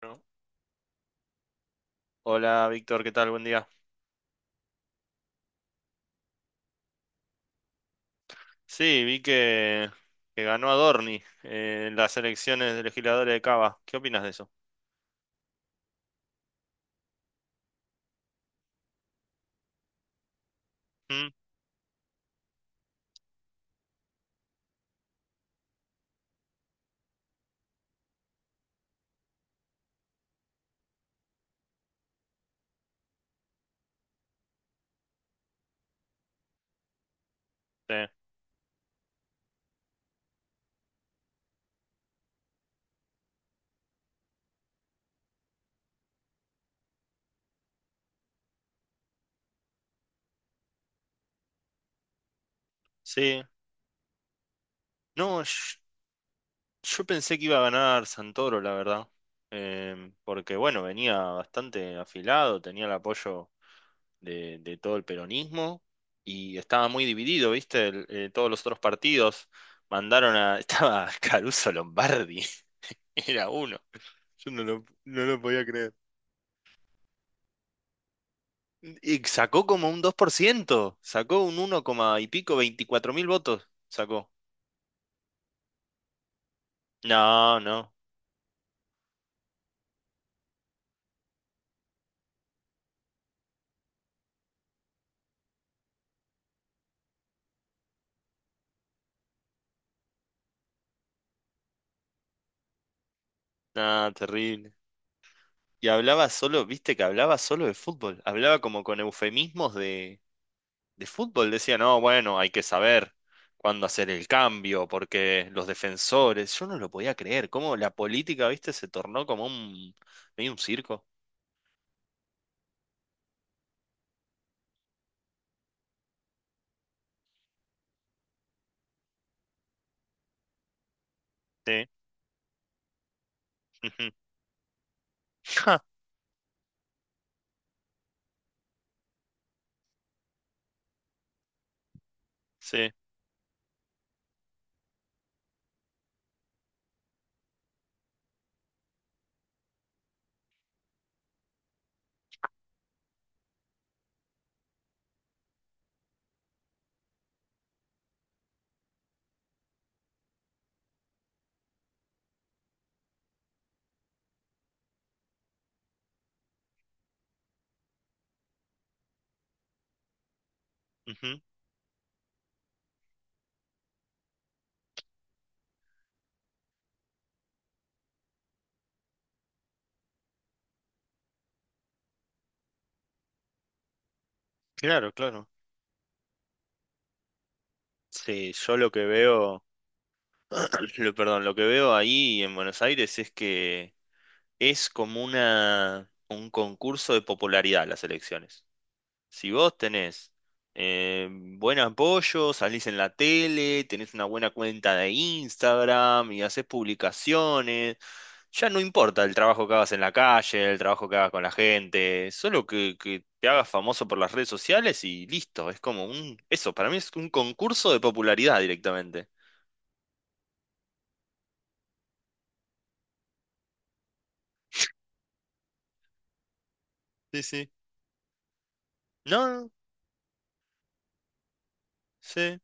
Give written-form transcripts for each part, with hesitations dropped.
Bueno, hola Víctor, ¿qué tal? Buen día. Sí, vi que ganó Adorni en las elecciones de legisladores de Cava. ¿Qué opinas de eso? ¿Mm? Sí. Sí. No, yo pensé que iba a ganar Santoro, la verdad. Porque, bueno, venía bastante afilado, tenía el apoyo de todo el peronismo y estaba muy dividido, ¿viste? Todos los otros partidos mandaron a... Estaba Caruso Lombardi, era uno. Yo no lo podía creer. Y sacó como un 2%, sacó un uno coma y pico, 24.000 votos, sacó. No, no, no, terrible. Y hablaba solo, viste que hablaba solo de fútbol, hablaba como con de fútbol, decía, no, bueno, hay que saber cuándo hacer el cambio, porque los defensores, yo no lo podía creer, cómo la política, viste, se tornó como medio un circo. Sí, ujú. Ja, sí, ujú. Claro, claro. Sí, yo lo que veo... Lo, perdón, lo que veo ahí en Buenos Aires es que es como un concurso de popularidad las elecciones. Si vos tenés buen apoyo, salís en la tele, tenés una buena cuenta de Instagram y haces publicaciones, ya no importa el trabajo que hagas en la calle, el trabajo que hagas con la gente, solo que te hagas famoso por las redes sociales y listo. Es como eso, para mí es un concurso de popularidad directamente. Sí, sí. No, no, sí.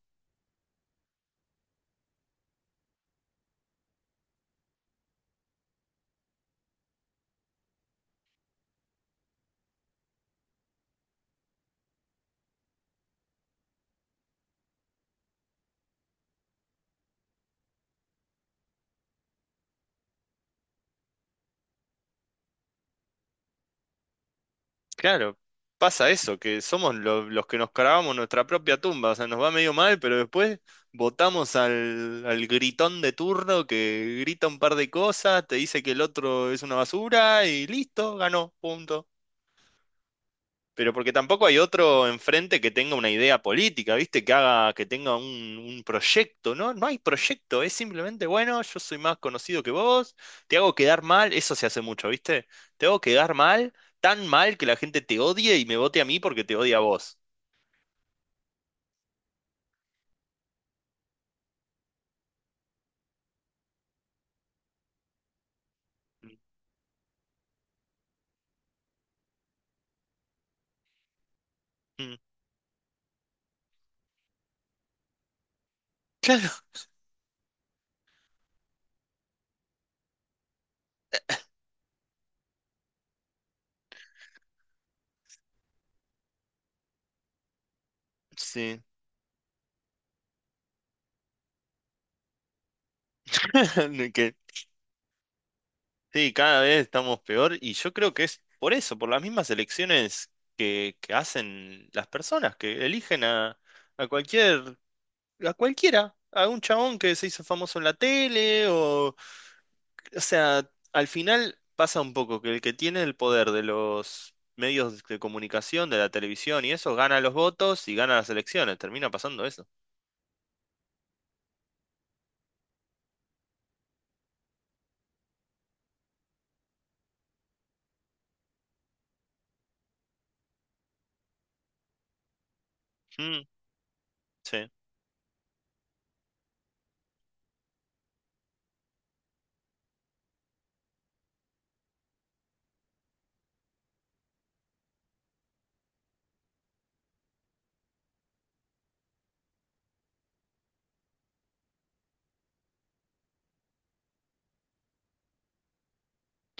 Claro, pasa eso, que somos los que nos cavamos nuestra propia tumba, o sea, nos va medio mal, pero después votamos al gritón de turno que grita un par de cosas, te dice que el otro es una basura y listo, ganó, punto. Pero porque tampoco hay otro enfrente que tenga una idea política, ¿viste? Que haga, que tenga un proyecto, ¿no? No hay proyecto, es simplemente, bueno, yo soy más conocido que vos, te hago quedar mal, eso se hace mucho, ¿viste? Te hago quedar mal, tan mal que la gente te odie y me vote a mí porque te odia a vos. Mm, claro, sí. De Que, sí, cada vez estamos peor y yo creo que es por eso, por las mismas elecciones que hacen las personas, que eligen a cualquier a cualquiera, a un chabón que se hizo famoso en la tele o sea, al final pasa un poco que el que tiene el poder de los medios de comunicación, de la televisión y eso, gana los votos y gana las elecciones, termina pasando eso. Mm, sí,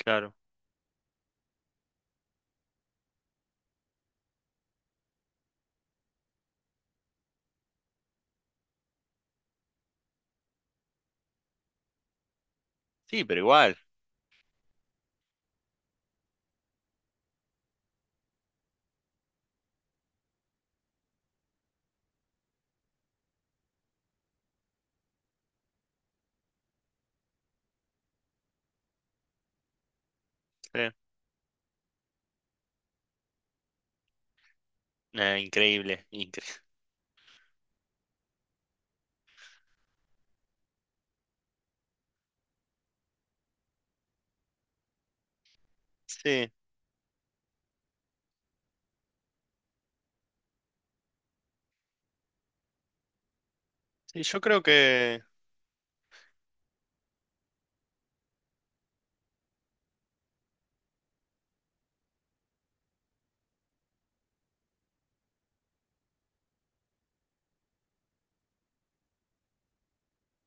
claro. Sí, pero igual. Sí. Nah, increíble, increíble. Sí, sí, yo creo que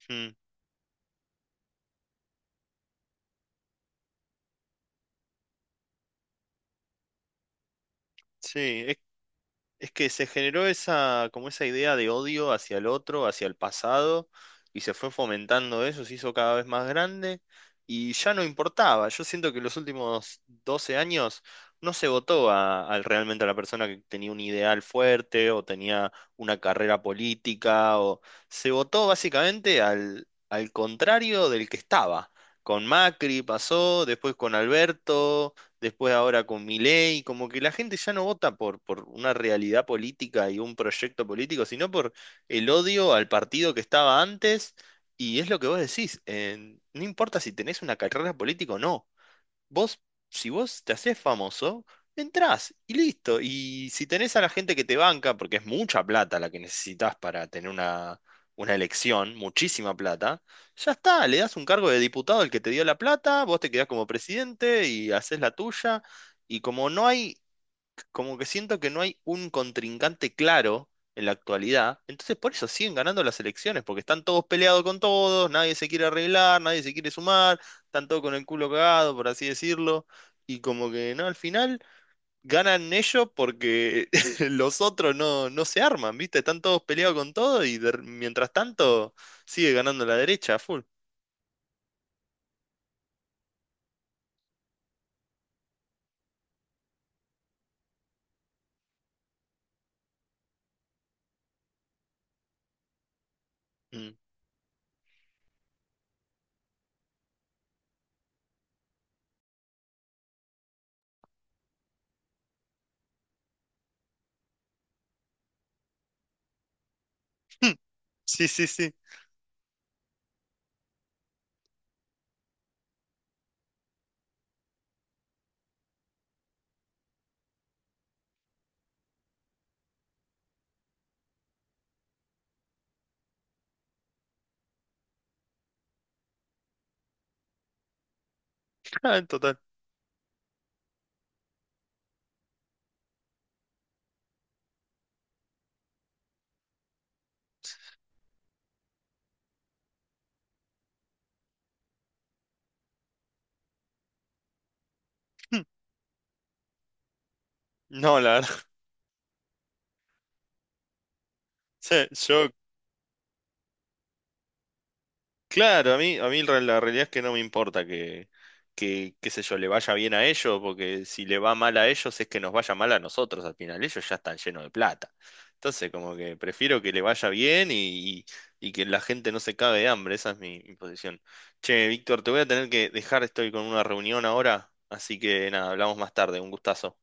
mm, sí. Es que se generó esa, como esa idea de odio hacia el otro, hacia el pasado, y se fue fomentando eso, se hizo cada vez más grande, y ya no importaba. Yo siento que los últimos 12 años no se votó a realmente a la persona que tenía un ideal fuerte o tenía una carrera política, o se votó básicamente al contrario del que estaba. Con Macri pasó, después con Alberto, después ahora con Milei, como que la gente ya no vota por una realidad política y un proyecto político, sino por el odio al partido que estaba antes, y es lo que vos decís, no importa si tenés una carrera política o no. Vos, si vos te haces famoso, entrás y listo. Y si tenés a la gente que te banca, porque es mucha plata la que necesitas para tener una elección, muchísima plata, ya está, le das un cargo de diputado al que te dio la plata, vos te quedás como presidente y haces la tuya. Y como que siento que no hay un contrincante claro en la actualidad, entonces por eso siguen ganando las elecciones, porque están todos peleados con todos, nadie se quiere arreglar, nadie se quiere sumar, están todos con el culo cagado, por así decirlo, y como que no, al final ganan ellos porque los otros no, no se arman, ¿viste? Están todos peleados con todo y mientras tanto sigue ganando la derecha a full. Mm. Sí, sí, sí. Ah, en total. No, la verdad. Sí, yo claro, a mí, la realidad es que no me importa que, qué sé yo, le vaya bien a ellos, porque si le va mal a ellos es que nos vaya mal a nosotros al final. Ellos ya están llenos de plata. Entonces, como que prefiero que le vaya bien y que la gente no se cague de hambre. Esa es mi posición. Che, Víctor, te voy a tener que dejar, estoy con una reunión ahora, así que nada, hablamos más tarde. Un gustazo.